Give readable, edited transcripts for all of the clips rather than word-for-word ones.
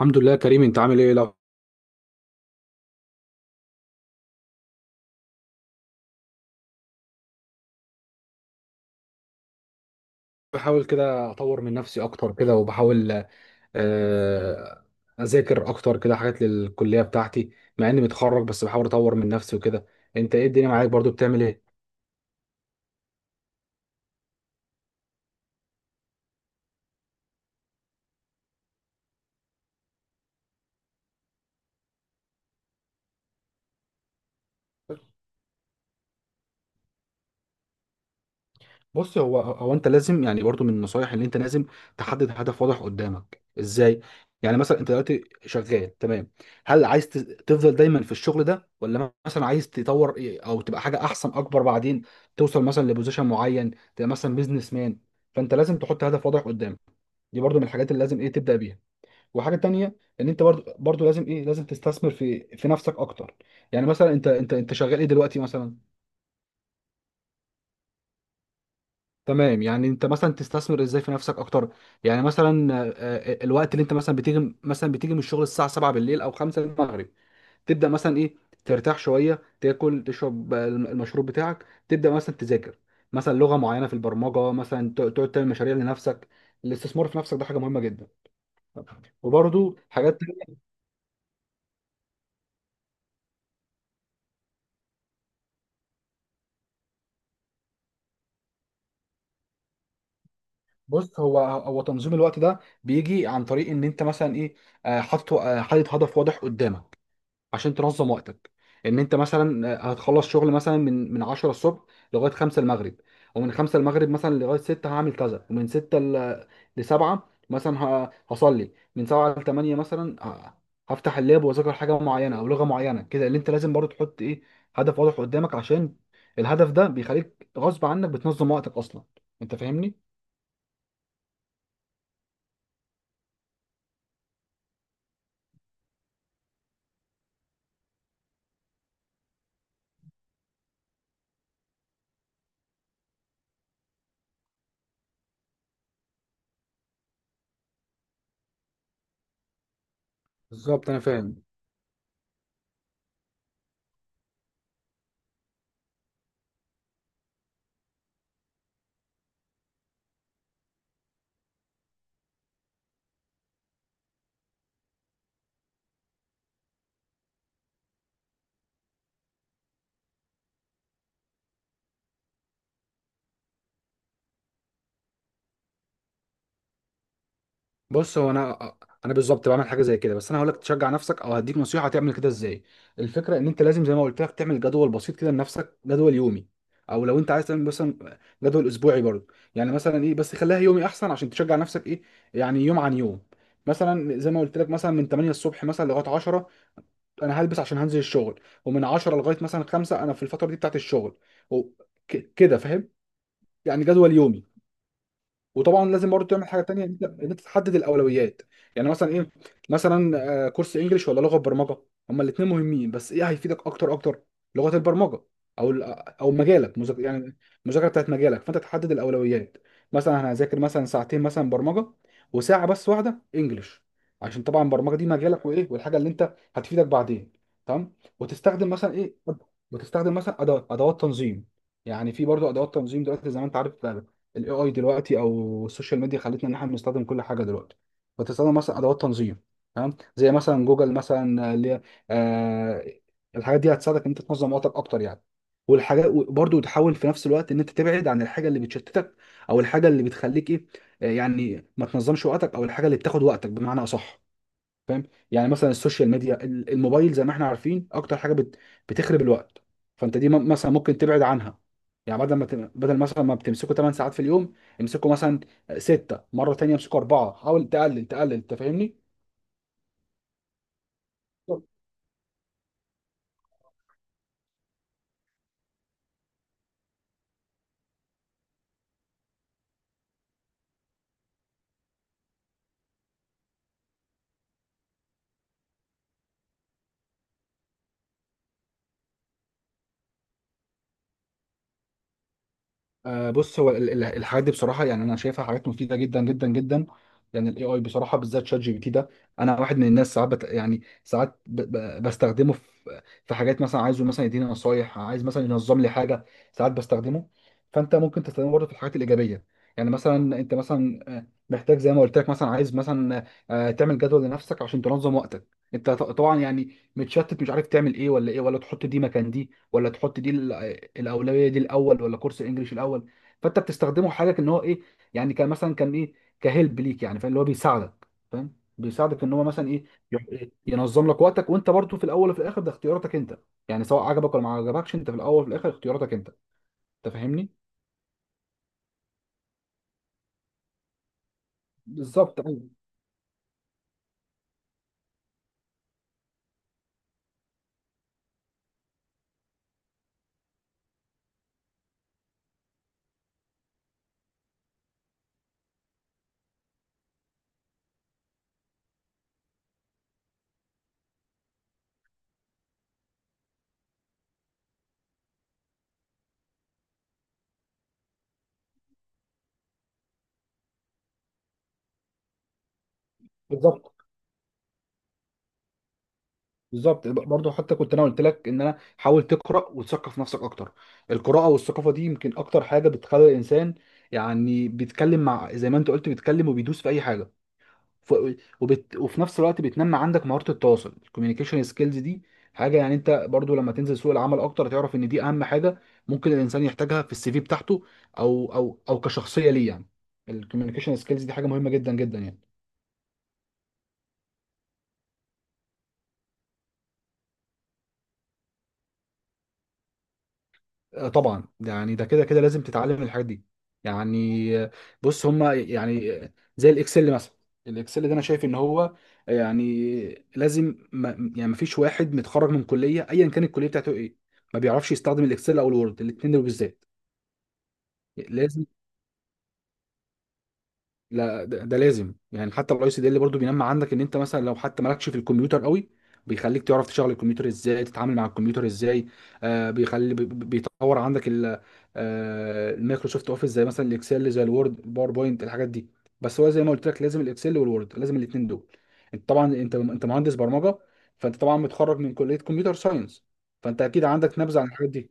الحمد لله يا كريم، انت عامل ايه؟ لو بحاول كده اطور من نفسي اكتر كده، وبحاول آه، اذاكر اكتر كده حاجات للكليه بتاعتي. مع اني متخرج بس بحاول اطور من نفسي وكده. انت ايه الدنيا معاك؟ برضو بتعمل ايه؟ بص، هو انت لازم يعني برضو من النصايح اللي انت لازم تحدد هدف واضح قدامك. ازاي؟ يعني مثلا انت دلوقتي شغال تمام، هل عايز تفضل دايما في الشغل ده، ولا مثلا عايز تطور ايه او تبقى حاجه احسن اكبر بعدين، توصل مثلا لبوزيشن معين، تبقى مثلا بيزنس مان. فانت لازم تحط هدف واضح قدامك. دي برضو من الحاجات اللي لازم ايه تبدا بيها. وحاجه تانية، ان انت برضو لازم ايه، لازم تستثمر في نفسك اكتر. يعني مثلا انت شغال ايه دلوقتي مثلا؟ تمام، يعني انت مثلا تستثمر ازاي في نفسك اكتر؟ يعني مثلا الوقت اللي انت مثلا بتيجي من الشغل الساعه 7 بالليل او 5 المغرب، تبدا مثلا ايه؟ ترتاح شويه، تاكل، تشرب المشروب بتاعك، تبدا مثلا تذاكر مثلا لغه معينه في البرمجه، مثلا تقعد تعمل مشاريع لنفسك. الاستثمار في نفسك ده حاجه مهمه جدا. وبرده حاجات تانية. بص، هو تنظيم الوقت ده بيجي عن طريق ان انت مثلا ايه، حاطط حاطط هدف واضح قدامك عشان تنظم وقتك. ان انت مثلا هتخلص شغل مثلا من 10 الصبح لغايه 5 المغرب، ومن 5 المغرب مثلا لغايه 6 هعمل كذا، ومن 6 ل 7 مثلا هصلي، من 7 ل 8 مثلا هفتح اللاب واذاكر حاجه معينه او لغه معينه كده. اللي انت لازم برضو تحط ايه، هدف واضح قدامك، عشان الهدف ده بيخليك غصب عنك بتنظم وقتك اصلا. انت فاهمني؟ بالظبط، انا فاهم. بص، هو انا بالظبط بعمل حاجه زي كده، بس انا هقول لك تشجع نفسك او هديك نصيحه تعمل كده ازاي. الفكره ان انت لازم زي ما قلت لك تعمل جدول بسيط كده لنفسك، جدول يومي، او لو انت عايز تعمل مثلا جدول اسبوعي برضه. يعني مثلا ايه، بس خليها يومي احسن عشان تشجع نفسك ايه، يعني يوم عن يوم. مثلا زي ما قلت لك، مثلا من 8 الصبح مثلا لغايه 10 انا هلبس عشان هنزل الشغل، ومن 10 لغايه مثلا 5 انا في الفتره دي بتاعت الشغل. وك- كده فاهم؟ يعني جدول يومي. وطبعا لازم برضه تعمل حاجه تانية، ان انت إن أنت تحدد الاولويات. يعني مثلا ايه، مثلا كورس انجليش ولا لغه برمجه؟ هما الاثنين مهمين، بس ايه هيفيدك اكتر اكتر؟ لغه البرمجه، او ال- او مجالك يعني المذاكره بتاعت مجالك. فانت تحدد الاولويات. مثلا انا هذاكر مثلا ساعتين مثلا برمجه، وساعه بس واحده انجليش، عشان طبعا البرمجه دي مجالك وايه، والحاجه اللي انت هتفيدك بعدين. تمام. وتستخدم مثلا ايه، وتستخدم مثلا ادوات تنظيم. يعني في برضو ادوات تنظيم دلوقتي زي ما انت عارف. الاي اي دلوقتي او السوشيال ميديا خلتنا ان احنا بنستخدم كل حاجه دلوقتي. بتستخدم مثلا ادوات تنظيم، تمام، زي مثلا جوجل مثلا اللي هي آه. الحاجات دي هتساعدك ان انت تنظم وقتك اكتر يعني. والحاجات برضه تحاول في نفس الوقت ان انت تبعد عن الحاجه اللي بتشتتك، او الحاجه اللي بتخليك ايه، يعني ما تنظمش وقتك، او الحاجه اللي بتاخد وقتك بمعنى اصح. فاهم؟ يعني مثلا السوشيال ميديا، الموبايل، زي ما احنا عارفين، اكتر حاجه بتخرب الوقت. فانت دي مثلا ممكن تبعد عنها. يعني بدل مثلا ما بتمسكوا 8 ساعات في اليوم، امسكوا مثلا 6، مره تانية امسكوا 4. حاول تقلل تقلل. انت فاهمني؟ بص، هو الحاجات دي بصراحه، يعني انا شايفها حاجات مفيده جدا جدا جدا. يعني الاي اي بصراحه، بالذات شات جي بي تي ده، انا واحد من الناس ساعات يعني ساعات ب ب بستخدمه في حاجات، مثلا عايزه مثلا يديني نصايح، عايز مثلا ينظم لي حاجه. ساعات بستخدمه. فانت ممكن تستخدمه برضه في الحاجات الايجابيه. يعني مثلا انت مثلا محتاج زي ما قلت لك، مثلا عايز مثلا تعمل جدول لنفسك عشان تنظم وقتك. انت طبعا يعني متشتت، مش عارف تعمل ايه ولا ايه، ولا تحط دي مكان دي ولا تحط دي. الاولويه دي الاول ولا كورس الانجليش الاول؟ فانت بتستخدمه حاجه، ان هو ايه، يعني كان مثلا كان ايه، كهلب ليك يعني. فاهم اللي هو بيساعدك؟ فاهم بيساعدك ان هو مثلا ايه، ينظم لك وقتك. وانت برضو في الاول وفي الاخر ده اختياراتك انت. يعني سواء عجبك ولا ما عجبكش، انت في الاول وفي الاخر اختياراتك انت. انت فاهمني؟ بالظبط، ايوه. بالظبط. بالظبط برضه، حتى كنت انا قلت لك ان انا، حاول تقرا وتثقف نفسك اكتر. القراءه والثقافه دي يمكن اكتر حاجه بتخلي الانسان يعني بيتكلم، مع زي ما انت قلت، بيتكلم وبيدوس في اي حاجه. ف... وفي نفس الوقت بتنمي عندك مهارة التواصل، الكوميونيكيشن سكيلز دي، حاجة يعني انت برضو لما تنزل سوق العمل اكتر تعرف ان دي اهم حاجة ممكن الانسان يحتاجها في السي في بتاعته، او كشخصية ليه يعني. الكوميونيكيشن سكيلز دي حاجة مهمة جدا جدا يعني. طبعا، يعني ده كده لازم تتعلم الحاجات دي. يعني بص، هما يعني زي الاكسل مثلا. الاكسل ده انا شايف ان هو يعني لازم ما، يعني ما فيش واحد متخرج من كليه، ايا كانت الكليه بتاعته ايه، ما بيعرفش يستخدم الاكسل او الوورد، الاثنين دول بالذات. لازم. لا ده, ده لازم يعني. حتى الاي سي دي اللي برضه بينمى عندك ان انت مثلا لو حتى مالكش في الكمبيوتر قوي، بيخليك تعرف تشغل الكمبيوتر ازاي، تتعامل مع الكمبيوتر ازاي. آه، بيطور عندك آه المايكروسوفت اوفيس، زي مثلا الاكسل، زي الوورد، الباوربوينت، الحاجات دي. بس هو زي ما قلت لك لازم الاكسل والوورد، لازم الاثنين دول. انت طبعا انت مهندس برمجه، فانت طبعا متخرج من كليه كمبيوتر ساينس، فانت اكيد عندك نبذه عن الحاجات دي.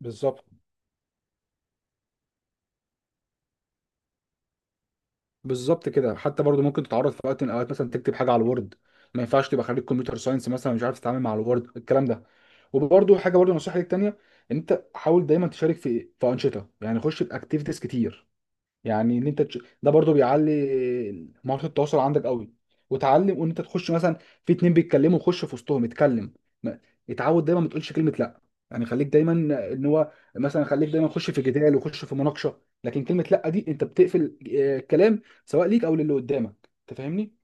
بالظبط. بالظبط كده، حتى برضو ممكن تتعرض في وقت من الاوقات مثلا تكتب حاجه على الوورد، ما ينفعش تبقى خريج كمبيوتر ساينس مثلا مش عارف تتعامل مع الوورد، الكلام ده. وبرضو حاجه، برضو نصيحه ليك تانيه، ان انت حاول دايما تشارك في انشطه، يعني خش في اكتيفيتيز كتير. يعني ان انت ده برضو بيعلي مهارة التواصل عندك قوي، وتعلم. وان انت تخش مثلا في اتنين بيتكلموا، خش في وسطهم، اتكلم. ما- اتعود دايما ما تقولش كلمة لا. يعني خليك دايما، ان هو مثلا، خليك دايما خش في جدال وخش في مناقشة، لكن كلمة لا دي انت بتقفل الكلام، سواء ليك او للي قدامك. انت فاهمني؟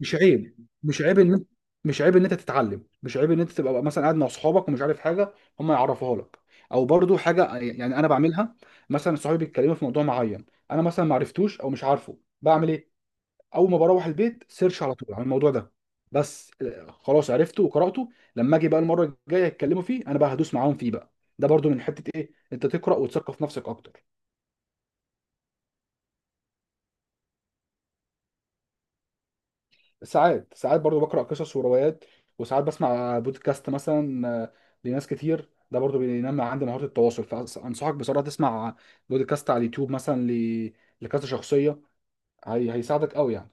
مش عيب، مش عيب ان انت تتعلم، مش عيب ان انت تبقى مثلا قاعد مع اصحابك ومش عارف حاجه هم يعرفوها لك. او برضو حاجه يعني انا بعملها، مثلا صحابي بيتكلموا في موضوع معين، انا مثلا ما عرفتوش او مش عارفه بعمل ايه. اول ما بروح البيت سيرش على طول عن الموضوع ده. بس خلاص عرفته وقراته، لما اجي بقى المره الجايه يتكلموا فيه، انا بقى هدوس معاهم فيه بقى. ده برضو من حته ايه، انت تقرا وتثقف نفسك اكتر. ساعات ساعات برضو بقرأ قصص وروايات، وساعات بسمع بودكاست مثلا لناس كتير. ده برضو بينمي عندي مهارة التواصل. فأنصحك بصراحة تسمع بودكاست على اليوتيوب مثلا لكذا شخصية. هيساعدك قوي يعني.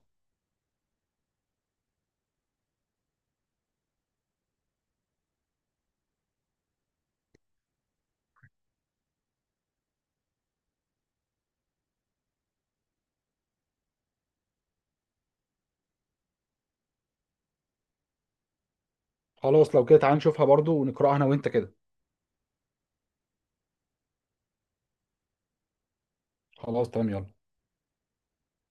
خلاص، لو كده تعال نشوفها برضو ونقرأها أنا وأنت كده. خلاص تمام، يلا.